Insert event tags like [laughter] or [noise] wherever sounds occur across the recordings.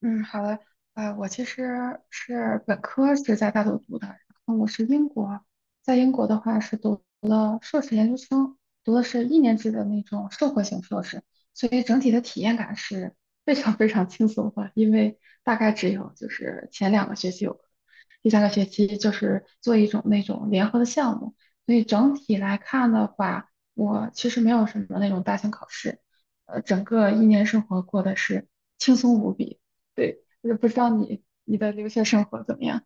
嗯，好的，我其实是本科是在大陆读的，然后我是英国，在英国的话是读的硕士研究生，读的是一年制的那种社会型硕士，所以整体的体验感是非常非常轻松的，因为大概只有就是前两个学期有第三个学期就是做一种那种联合的项目，所以整体来看的话，我其实没有什么那种大型考试，整个一年生活过得是轻松无比。对，我就不知道你的留学生活怎么样？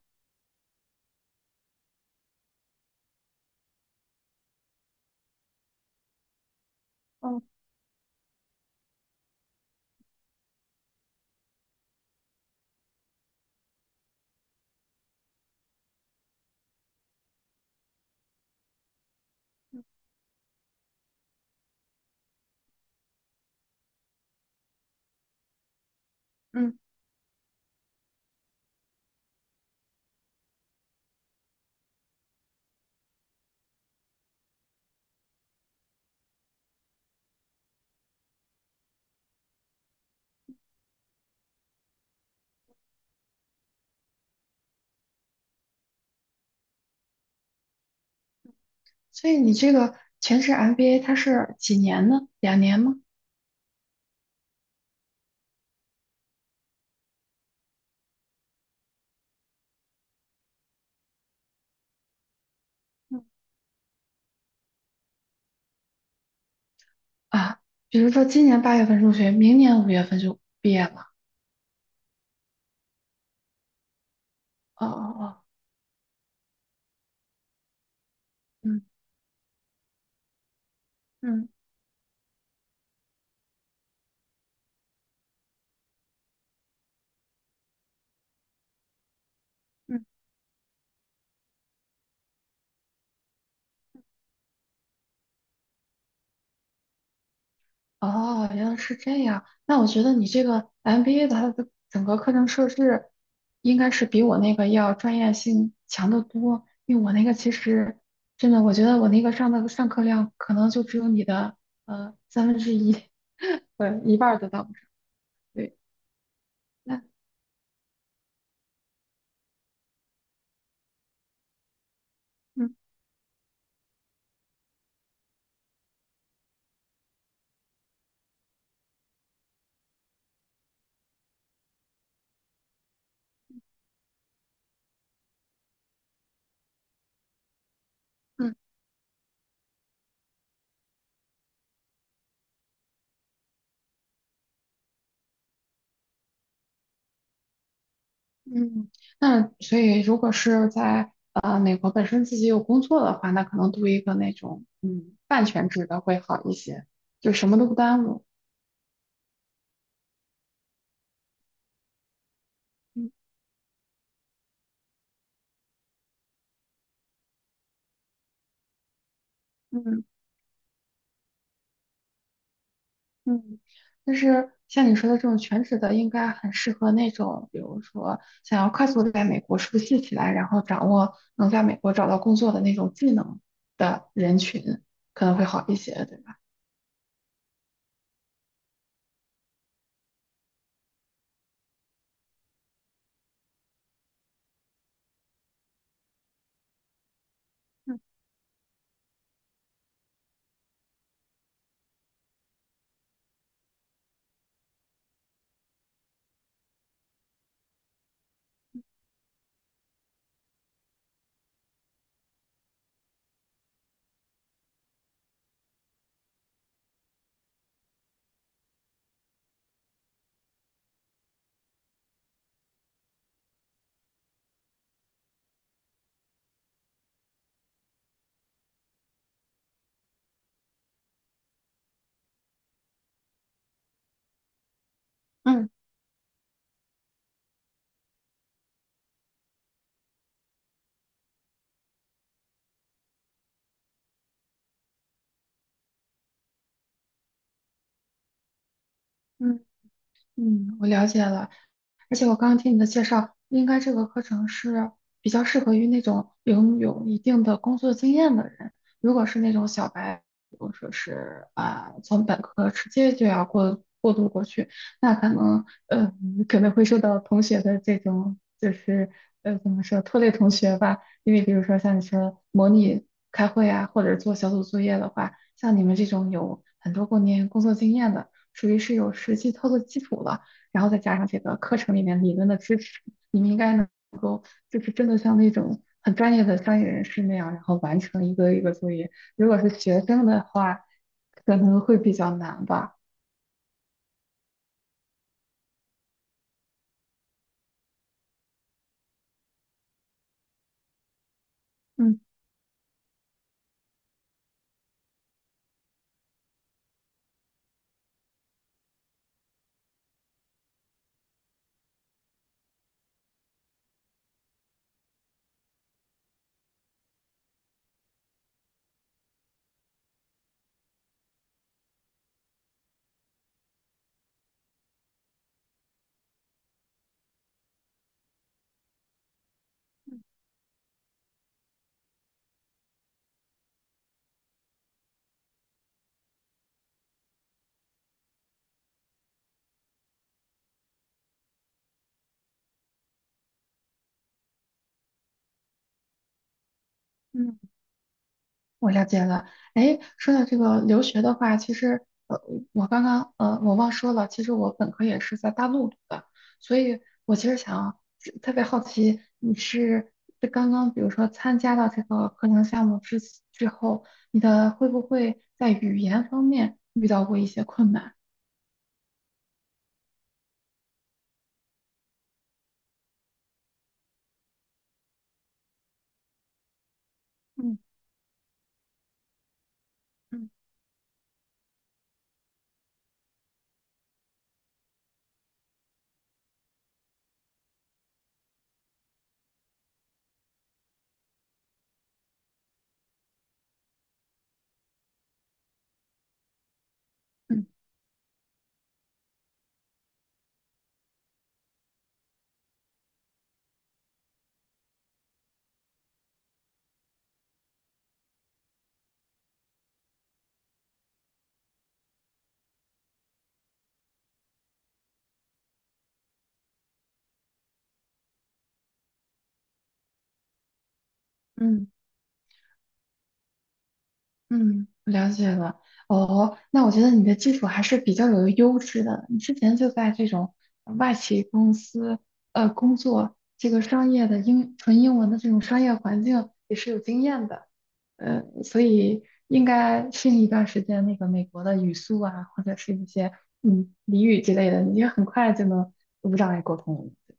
嗯嗯，所以你这个全职 MBA 它是几年呢？两年吗？嗯，啊，比如说今年八月份入学，明年五月份就毕业了。哦哦哦，嗯。嗯嗯。哦，原来是这样。那我觉得你这个 MBA 的它的整个课程设置，应该是比我那个要专业性强得多。因为我那个其实真的，我觉得我那个上的上课量可能就只有你的三分之一，[laughs] 对，一半儿都到不上对，那嗯嗯嗯，那所以如果是在美国本身自己有工作的话，那可能读一个那种嗯半全职的会好一些，就什么都不耽误。嗯嗯。嗯，就是像你说的这种全职的，应该很适合那种，比如说想要快速地在美国熟悉起来，然后掌握能在美国找到工作的那种技能的人群，可能会好一些，对吧？嗯。嗯。嗯，我了解了，而且我刚刚听你的介绍，应该这个课程是比较适合于那种拥有一定的工作经验的人。如果是那种小白，比如说是啊，从本科直接就要过过渡过去，那可能可能会受到同学的这种就是怎么说拖累同学吧，因为比如说像你说模拟开会啊，或者做小组作业的话，像你们这种有很多过年工作经验的。属于是有实际操作基础了，然后再加上这个课程里面理论的支持，你们应该能够就是真的像那种很专业的专业人士那样，然后完成一个作业。如果是学生的话，可能会比较难吧。嗯。嗯。我了解了，哎，说到这个留学的话，其实,我刚刚我忘说了，其实我本科也是在大陆读的，所以我其实想特别好奇，你是这刚刚比如说参加到这个课程项目之后，你的会不会在语言方面遇到过一些困难？嗯嗯嗯嗯嗯，了解了。哦，那我觉得你的技术还是比较有优势的。你之前就在这种外企公司工作，这个商业的英纯英文的这种商业环境也是有经验的。所以应该适应一段时间那个美国的语速啊，或者是一些嗯俚语之类的，你就很快就能无障碍沟通了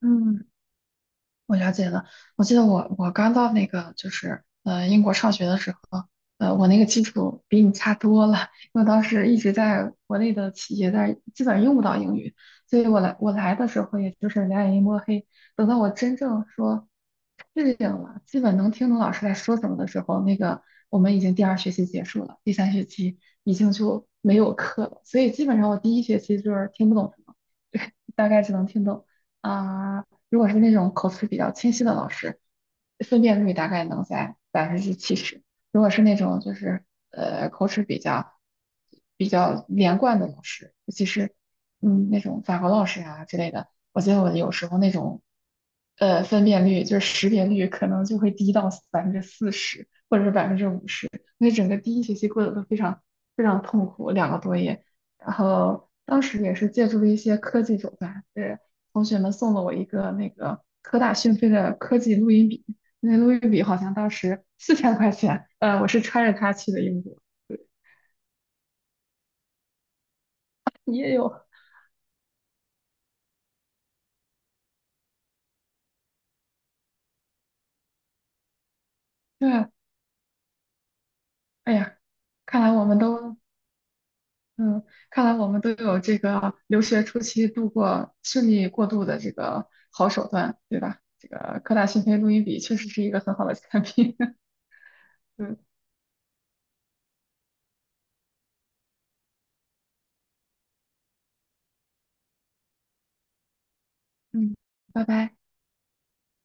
嗯，我了解了，我记得我刚到那个就是英国上学的时候，我那个基础比你差多了，因为当时一直在国内的企业在基本上用不到英语，所以我来的时候也就是两眼一摸黑。等到我真正说适应了，基本能听懂老师在说什么的时候，那个我们已经第二学期结束了，第三学期已经就没有课了，所以基本上我第一学期就是听不懂什么，[laughs] 大概只能听懂啊。如果是那种口齿比较清晰的老师，分辨率大概能在70%；如果是那种就是口齿比较连贯的老师，尤其是嗯那种法国老师啊之类的，我觉得我有时候那种分辨率就是识别率可能就会低到40%或者是50%，那整个第一学期过得都非常非常痛苦，两个多月。然后当时也是借助了一些科技手段，同学们送了我一个那个科大讯飞的科技录音笔，那录音笔好像当时 [laughs] 4000块钱，我是揣着它去的英国。对，你也有，对，哎呀，看来我们都，嗯，看来我们都有这个留学初期度过顺利过渡的这个好手段，对吧？这个科大讯飞录音笔确实是一个很好的产品。[laughs] 嗯。嗯，拜拜。